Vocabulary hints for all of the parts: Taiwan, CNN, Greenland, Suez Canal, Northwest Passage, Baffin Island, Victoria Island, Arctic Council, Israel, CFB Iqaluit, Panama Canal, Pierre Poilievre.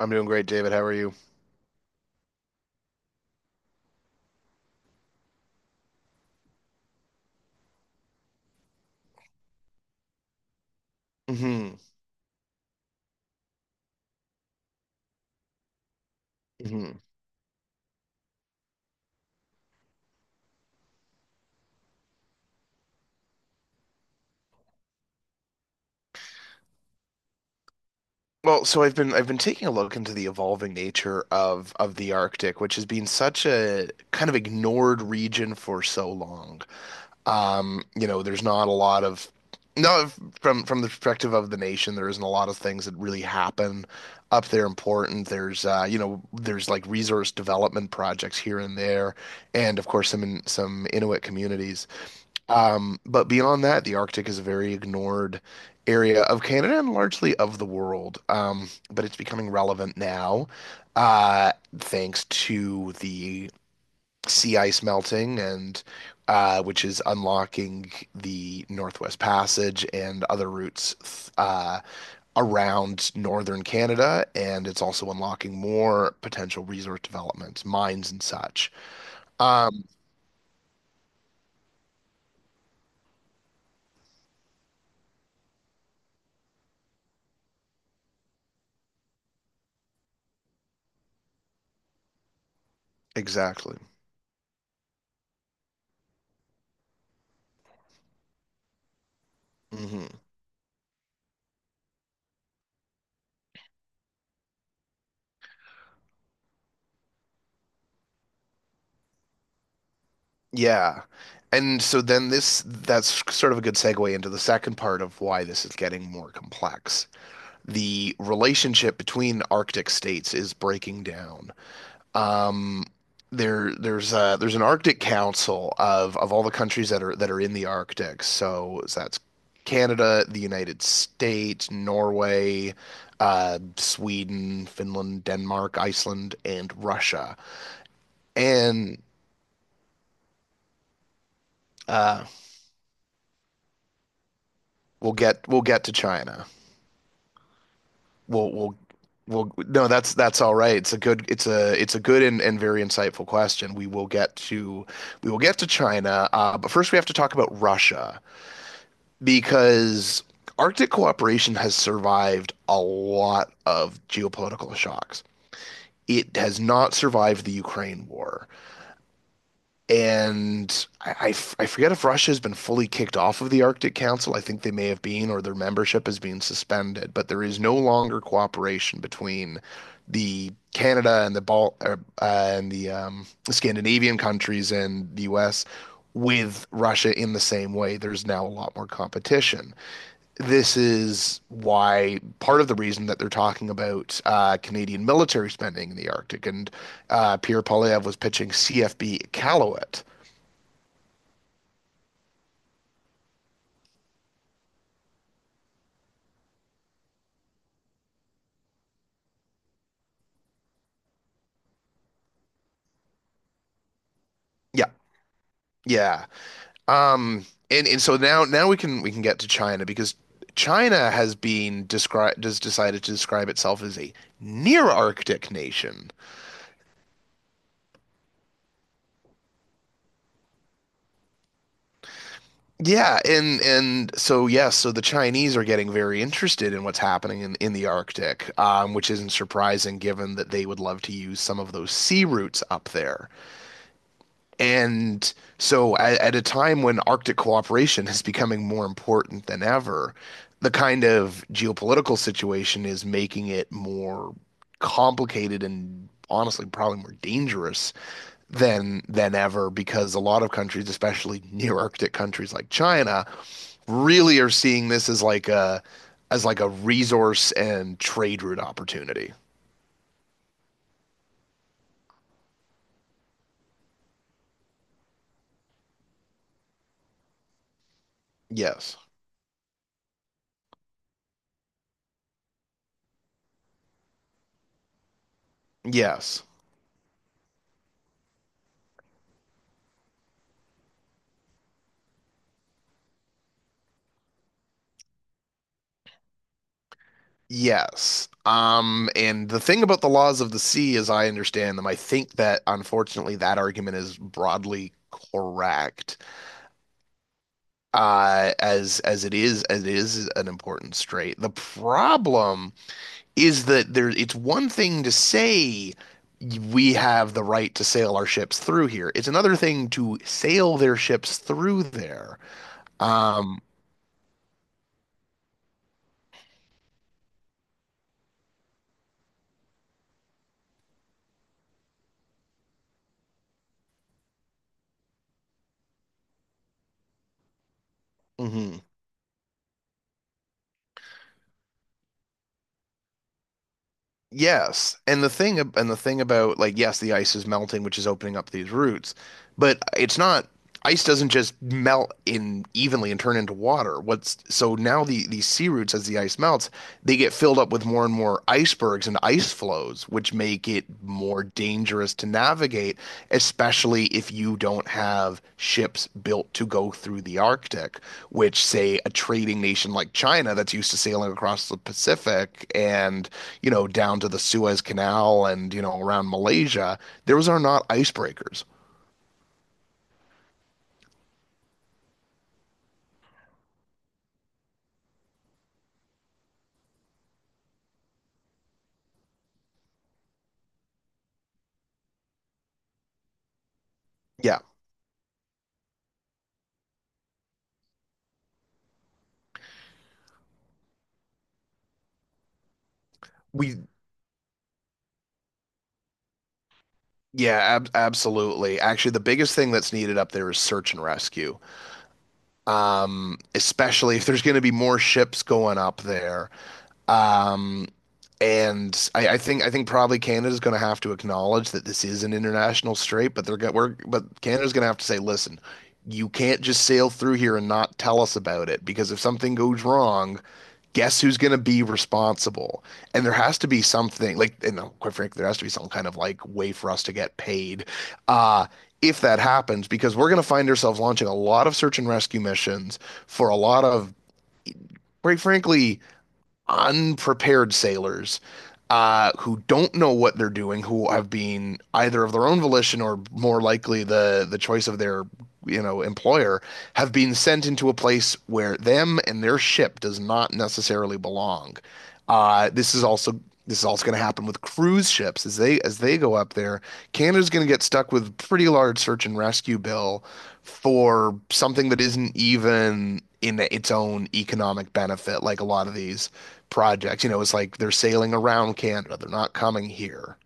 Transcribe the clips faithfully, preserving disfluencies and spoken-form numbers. I'm doing great, David. How are you? hmm hmm Well, so I've been I've been taking a look into the evolving nature of of the Arctic, which has been such a kind of ignored region for so long. Um, you know, there's not a lot of no from from the perspective of the nation, there isn't a lot of things that really happen up there important. There's uh, you know, there's like resource development projects here and there, and of course some in, some Inuit communities. Um, but beyond that, the Arctic is a very ignored area of Canada and largely of the world. Um, but it's becoming relevant now, uh, thanks to the sea ice melting and uh, which is unlocking the Northwest Passage and other routes th- uh, around northern Canada, and it's also unlocking more potential resource developments, mines and such. Um, exactly. Mhm. Yeah. And so then this that's sort of a good segue into the second part of why this is getting more complex. The relationship between Arctic states is breaking down. Um there there's uh there's an Arctic Council of of all the countries that are that are in the Arctic. So so that's Canada, the United States, Norway, uh Sweden, Finland, Denmark, Iceland, and Russia. And uh we'll get we'll get to China. Well, well, well. No, that's that's all right. It's a good. It's a it's a good and, and very insightful question. We will get to we will get to China, uh, but first we have to talk about Russia because Arctic cooperation has survived a lot of geopolitical shocks. It has not survived the Ukraine war. And I, I f- I forget if Russia has been fully kicked off of the Arctic Council. I think they may have been, or their membership has been suspended. But there is no longer cooperation between the Canada and the Bal uh, uh, and the um, Scandinavian countries and the U S with Russia in the same way. There's now a lot more competition. This is why part of the reason that they're talking about uh, Canadian military spending in the Arctic and uh, Pierre Poilievre was pitching C F B Iqaluit. Yeah. Yeah. Um and and so now now we can we can get to China because China has been described has decided to describe itself as a near Arctic nation. Yeah, and and so yes, so the Chinese are getting very interested in what's happening in in the Arctic, um, which isn't surprising given that they would love to use some of those sea routes up there. And so, at, at a time when Arctic cooperation is becoming more important than ever, the kind of geopolitical situation is making it more complicated and honestly, probably more dangerous than than ever because a lot of countries, especially near Arctic countries like China, really are seeing this as like a as like a resource and trade route opportunity. Yes. Yes. Yes. Um, and the thing about the laws of the sea, as I understand them, I think that unfortunately that argument is broadly correct, uh, as as it is as it is an important strait. The problem is that there it's one thing to say we have the right to sail our ships through here. It's another thing to sail their ships through there. Um, mhm. Yes, and the thing ab- and the thing about like yes, the ice is melting, which is opening up these routes. But it's not ice doesn't just melt in evenly and turn into water. What's so now the these sea roots as the ice melts, they get filled up with more and more icebergs and ice flows, which make it more dangerous to navigate, especially if you don't have ships built to go through the Arctic, which say a trading nation like China that's used to sailing across the Pacific and, you know, down to the Suez Canal and, you know, around Malaysia, those are not icebreakers. Yeah, We, yeah, ab absolutely. Actually, the biggest thing that's needed up there is search and rescue. Um, especially if there's going to be more ships going up there. Um, And I, I think I think probably Canada's going to have to acknowledge that this is an international strait, but they're going we're but Canada's going to have to say, listen, you can't just sail through here and not tell us about it because if something goes wrong, guess who's going to be responsible? And there has to be something like, you know, quite frankly, there has to be some kind of like way for us to get paid. Uh, if that happens, because we're going to find ourselves launching a lot of search and rescue missions for a lot of, quite frankly, unprepared sailors uh, who don't know what they're doing, who have been either of their own volition or more likely the the choice of their you know employer, have been sent into a place where them and their ship does not necessarily belong. Uh, this is also this is also going to happen with cruise ships as they as they go up there. Canada's going to get stuck with a pretty large search and rescue bill for something that isn't even in its own economic benefit, like a lot of these projects. You know, it's like they're sailing around Canada; they're not coming here.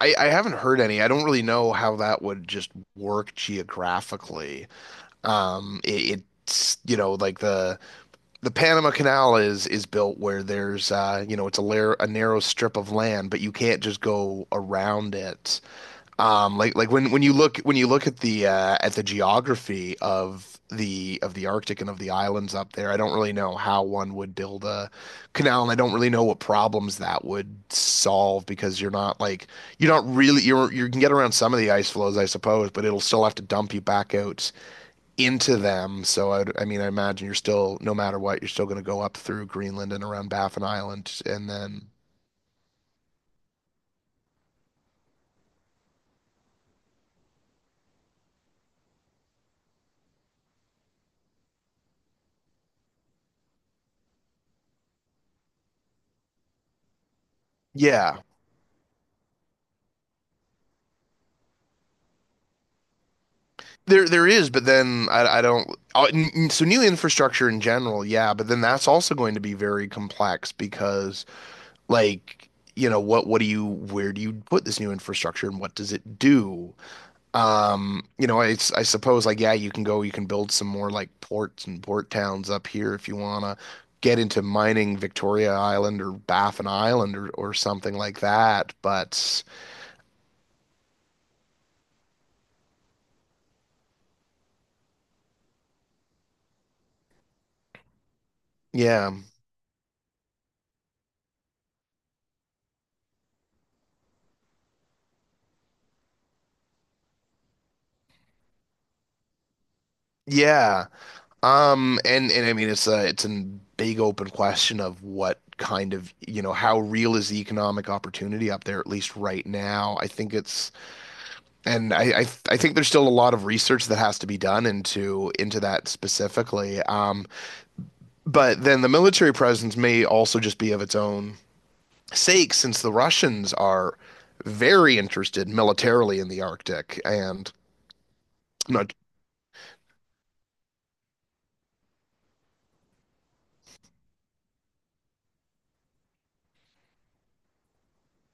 I, I haven't heard any. I don't really know how that would just work geographically. Um, it, it's you know like the the Panama Canal is is built where there's uh, you know it's a layer a narrow strip of land, but you can't just go around it. Um, like like when when you look when you look at the uh, at the geography of the of the Arctic and of the islands up there, I don't really know how one would build a canal, and I don't really know what problems that would solve because you're not like you're not really you're you can get around some of the ice flows, I suppose, but it'll still have to dump you back out into them. So I, I mean, I imagine you're still, no matter what, you're still going to go up through Greenland and around Baffin Island, and then yeah, there there is, but then I, I don't. Oh, so new infrastructure in general, yeah, but then that's also going to be very complex because like. you know, what what do you where do you put this new infrastructure and what does it do? Um, you know, it's I suppose like yeah, you can go, you can build some more like ports and port towns up here if you wanna get into mining Victoria Island or Baffin Island or or something like that. But yeah, yeah. Um, and and I mean it's a it's a big open question of what kind of you know how real is the economic opportunity up there at least right now. I think it's and I I, I think there's still a lot of research that has to be done into into that specifically. Um. But then the military presence may also just be of its own sake, since the Russians are very interested militarily in the Arctic. And I'm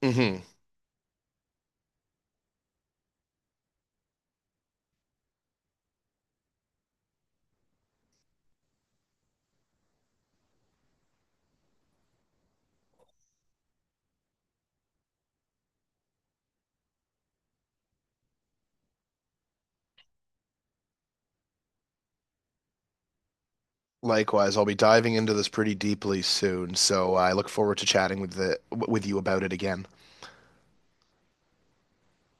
hmm likewise, I'll be diving into this pretty deeply soon. So I look forward to chatting with the with you about it again.